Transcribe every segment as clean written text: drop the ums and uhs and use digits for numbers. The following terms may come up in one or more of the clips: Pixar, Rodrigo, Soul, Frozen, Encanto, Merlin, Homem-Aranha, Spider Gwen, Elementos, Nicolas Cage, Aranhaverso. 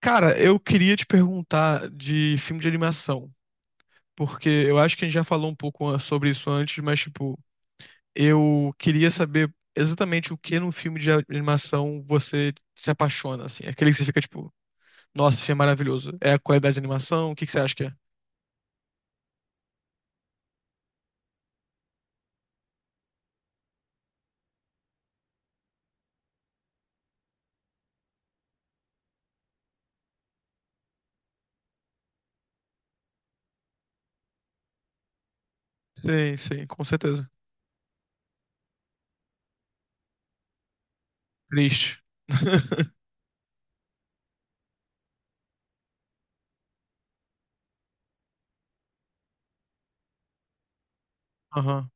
Cara, eu queria te perguntar de filme de animação, porque eu acho que a gente já falou um pouco sobre isso antes, mas, tipo, eu queria saber exatamente o que num filme de animação você se apaixona, assim. Aquele que você fica, tipo, nossa, isso é maravilhoso. É a qualidade de animação? O que que você acha que é? Sim, sim, com certeza. Triste. Aham,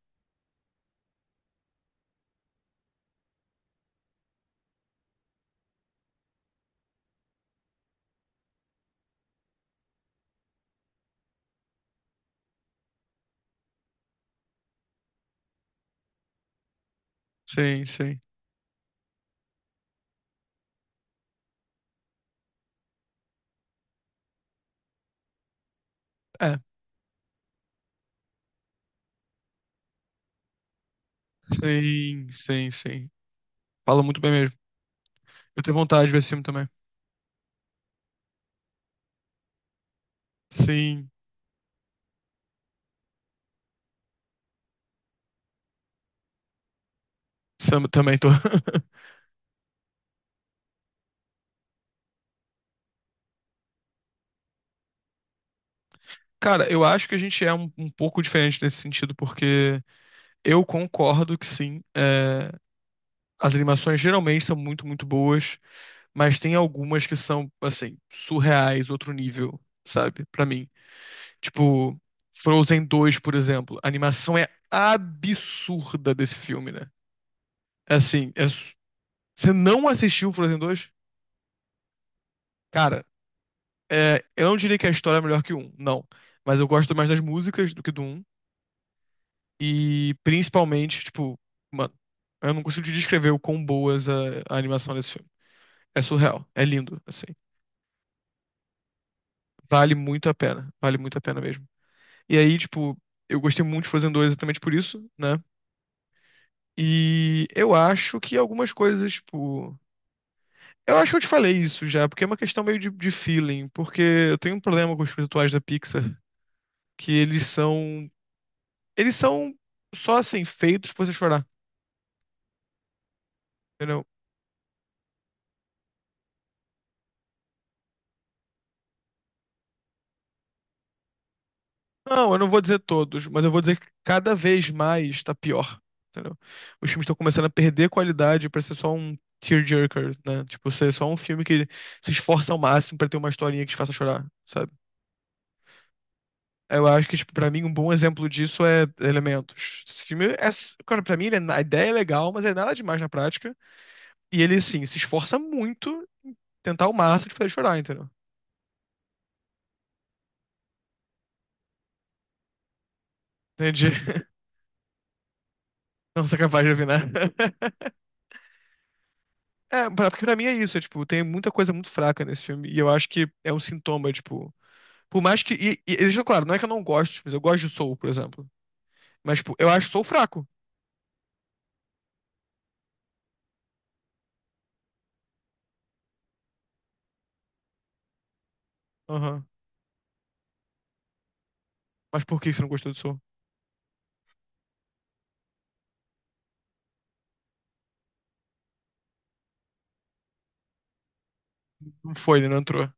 sim, sim. É, sim, sim, sim. Fala muito bem mesmo. Eu tenho vontade de ver esse filme também. Sim, também tô. Cara, eu acho que a gente é um pouco diferente nesse sentido, porque eu concordo que sim, é, as animações geralmente são muito, muito boas, mas tem algumas que são, assim, surreais, outro nível, sabe? Pra mim. Tipo, Frozen dois, por exemplo. A animação é absurda desse filme, né? É assim, é você não assistiu Frozen dois? Cara, eu não diria que a história é melhor que o um, não. Mas eu gosto mais das músicas do que do um. E principalmente, tipo, mano, eu não consigo te descrever o quão boas a animação desse filme. É surreal, é lindo, assim. Vale muito a pena, vale muito a pena mesmo. E aí, tipo, eu gostei muito de Frozen dois exatamente por isso, né? E eu acho que algumas coisas, tipo. Eu acho que eu te falei isso já, porque é uma questão meio de feeling, porque eu tenho um problema com os filmes atuais da Pixar, que eles são. Eles são só assim, feitos pra você chorar. Entendeu? Não, eu não vou dizer todos, mas eu vou dizer que cada vez mais tá pior, entendeu? Os filmes estão começando a perder qualidade pra ser só um tearjerker, né? Tipo, ser só um filme que se esforça ao máximo pra ter uma historinha que te faça chorar, sabe? Eu acho que, tipo, pra mim, um bom exemplo disso é Elementos. Esse filme é... Cara, pra mim, a ideia é legal, mas é nada demais na prática. E ele, assim, se esforça muito tentar ao máximo de fazer chorar, entendeu? Entendi. Não sou capaz de opinar. É, porque pra mim é isso, é, tipo, tem muita coisa muito fraca nesse filme, e eu acho que é um sintoma, tipo, por mais que, e deixa claro, não é que eu não gosto, de filmes, eu gosto de Soul, por exemplo, mas, tipo, eu acho Soul fraco. Aham. Mas por que você não gostou de Soul? Não foi, né, não entrou.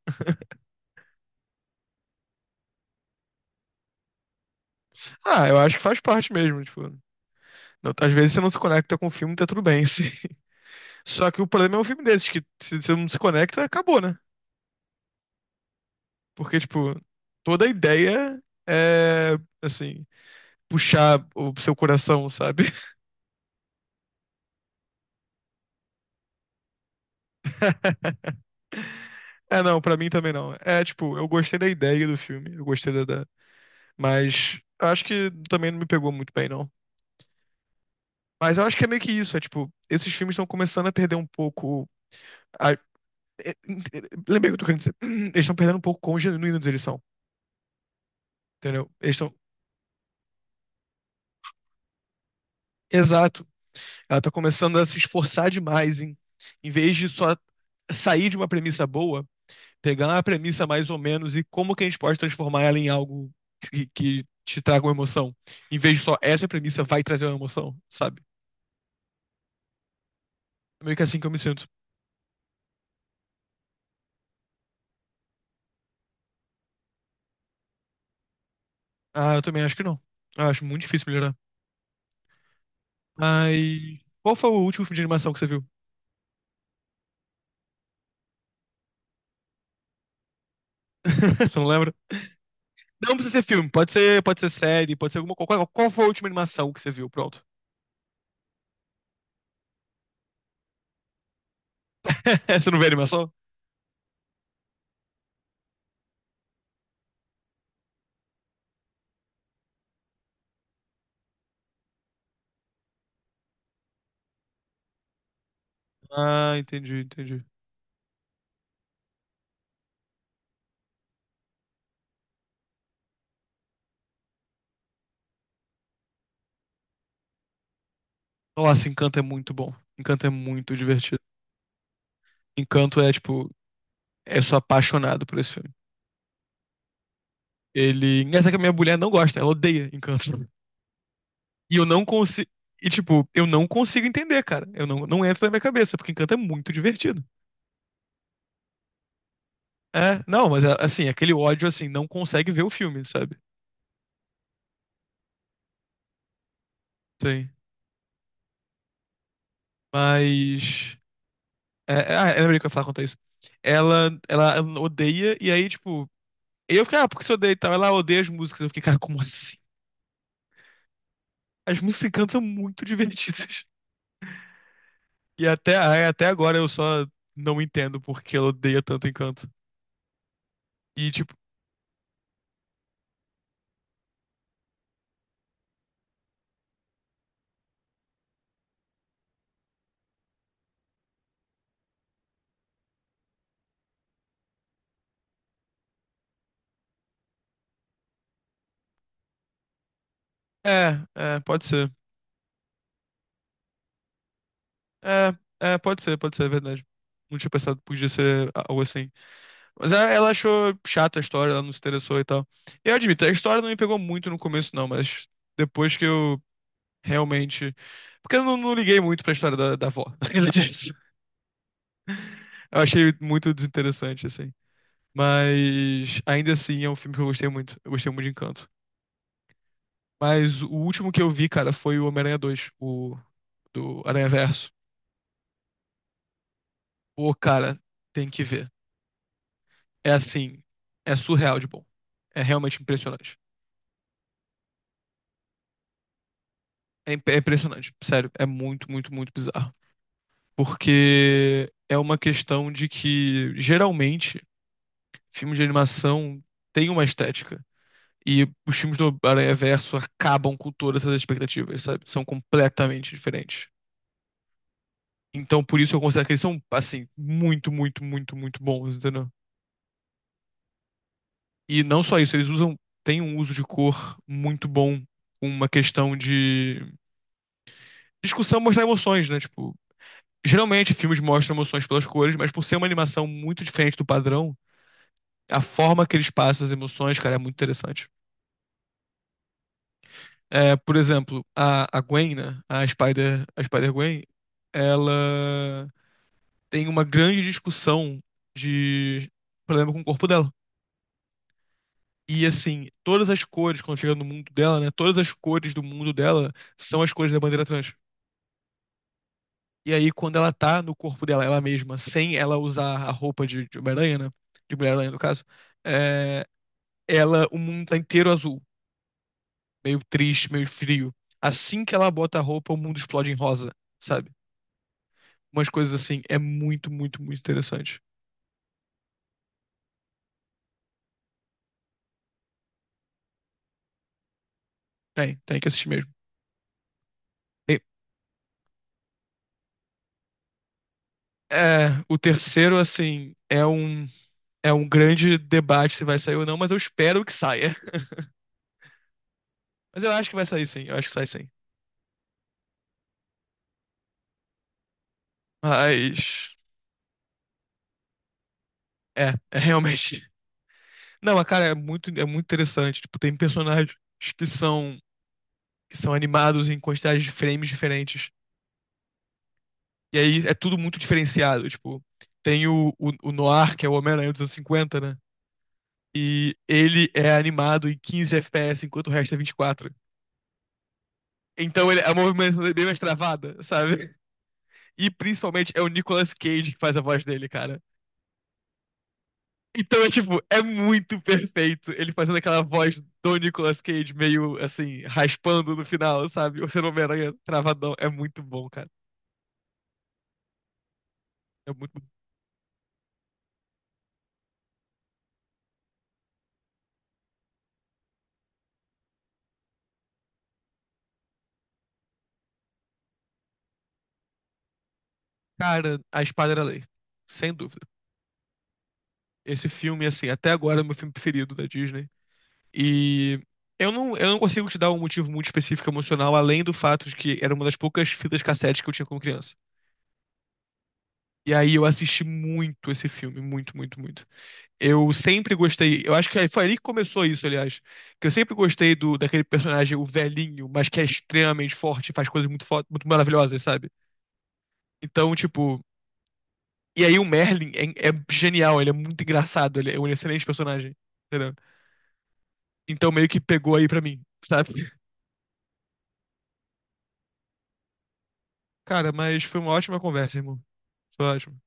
Ah, eu acho que faz parte mesmo, tipo, às vezes você não se conecta com o filme, tá tudo bem, sim. Só que o problema é um filme desses, que se você não se conecta, acabou, né? Porque, tipo, toda a ideia é, assim, puxar o seu coração, sabe? É, não, pra mim também não. É, tipo, eu gostei da ideia do filme, eu gostei da. Mas acho que também não me pegou muito bem, não. Mas eu acho que é meio que isso, é tipo, esses filmes estão começando a perder um pouco. A... é, é, é, Lembrei o que eu tô querendo dizer. Eles estão perdendo um pouco quão genuínos eles são, entendeu? Eles estão. Exato. Ela tá começando a se esforçar demais em vez de só sair de uma premissa boa, pegando a premissa mais ou menos e como que a gente pode transformar ela em algo que te traga uma emoção, em vez de só essa premissa vai trazer uma emoção, sabe? É meio que assim que eu me sinto. Ah, eu também acho que não. Eu acho muito difícil melhorar. Mas qual foi o último filme de animação que você viu? Você não lembra? Não precisa ser filme, pode ser série, pode ser alguma coisa. Qual, qual foi a última animação que você viu? Pronto. Você não vê animação? Ah, entendi, entendi. Nossa, Encanto é muito bom. Encanto é muito divertido. Encanto é, tipo, é, eu sou apaixonado por esse filme. Ele. Engraçado que a minha mulher não gosta, ela odeia Encanto. E eu não consigo. E, tipo, eu não consigo entender, cara. Eu não, não entra na minha cabeça, porque Encanto é muito divertido. É, não, mas é, assim, aquele ódio, assim, não consegue ver o filme, sabe? Sim. Mas. É, é, ah, eu lembrei que eu ia falar quanto a isso. Ela odeia, e aí, tipo. Eu fiquei, ah, porque você odeia e tal. Ela odeia as músicas. Eu fiquei, cara, como assim? As músicas Encanto são muito divertidas. E até, aí, até agora eu só não entendo porque ela odeia tanto Encanto. E, tipo, é, é, pode ser. É, é, pode ser, é verdade. Não tinha pensado que podia ser algo assim. Mas ela achou chata a história, ela não se interessou e tal. Eu admito, a história não me pegou muito no começo, não, mas depois que eu realmente. Porque eu não liguei muito pra história da avó. Na realidade. É isso. Eu achei muito desinteressante, assim. Mas ainda assim é um filme que eu gostei muito. Eu gostei muito de Encanto. Mas o último que eu vi, cara, foi o Homem-Aranha 2, o do Aranhaverso. Pô, cara, tem que ver. É assim, é surreal de bom. É realmente impressionante. É impressionante, sério. É muito, muito, muito bizarro. Porque é uma questão de que, geralmente, filmes de animação têm uma estética. E os filmes do Aranhaverso acabam com todas essas expectativas, sabe? São completamente diferentes. Então, por isso eu considero que eles são, assim, muito, muito, muito, muito bons, entendeu? E não só isso, eles usam, têm um uso de cor muito bom, uma questão de discussão mostrar emoções, né? Tipo, geralmente filmes mostram emoções pelas cores, mas por ser uma animação muito diferente do padrão, a forma que eles passam as emoções, cara, é muito interessante. É, por exemplo, a Gwen, né? A Spider Gwen, ela tem uma grande discussão de problema com o corpo dela. E assim, todas as cores, quando chega no mundo dela, né? Todas as cores do mundo dela são as cores da bandeira trans. E aí, quando ela tá no corpo dela, ela mesma, sem ela usar a roupa de Homem-Aranha, né? De Mulher-Aranha, no caso, é, ela, o mundo tá inteiro azul, meio triste, meio frio. Assim que ela bota a roupa, o mundo explode em rosa, sabe? Umas coisas assim. É muito, muito, muito interessante. Tem que assistir mesmo. E, é, o terceiro, assim, é um grande debate se vai sair ou não, mas eu espero que saia. Mas eu acho que vai sair sim, eu acho que sai sim. Mas. É, é realmente. Não, mas, cara, é muito interessante. Tipo, tem personagens que são, que são animados em quantidades de frames diferentes. E aí é tudo muito diferenciado. Tipo, tem o Noir, que é o Homem-Aranha dos anos 50, né? E ele é animado em 15 FPS, enquanto o resto é 24. Então ele, a movimentação dele é bem mais travada, sabe? E principalmente é o Nicolas Cage que faz a voz dele, cara. Então, é tipo, é muito perfeito ele fazendo aquela voz do Nicolas Cage meio assim, raspando no final, sabe? O ser Homem-Aranha travadão. É muito bom, cara. É muito bom. Cara, a espada era a lei. Sem dúvida. Esse filme, assim, até agora é o meu filme preferido da Disney. E eu não consigo te dar um motivo muito específico emocional, além do fato de que era uma das poucas fitas cassete que eu tinha como criança. E aí eu assisti muito esse filme, muito, muito, muito. Eu sempre gostei. Eu acho que foi ali que começou isso, aliás. Que eu sempre gostei do daquele personagem, o velhinho, mas que é extremamente forte, e faz coisas muito, muito maravilhosas, sabe? Então, tipo. E aí o Merlin é genial, ele é muito engraçado, ele é um excelente personagem. Entendeu? Então meio que pegou aí pra mim, sabe? Cara, mas foi uma ótima conversa, irmão. Foi ótimo.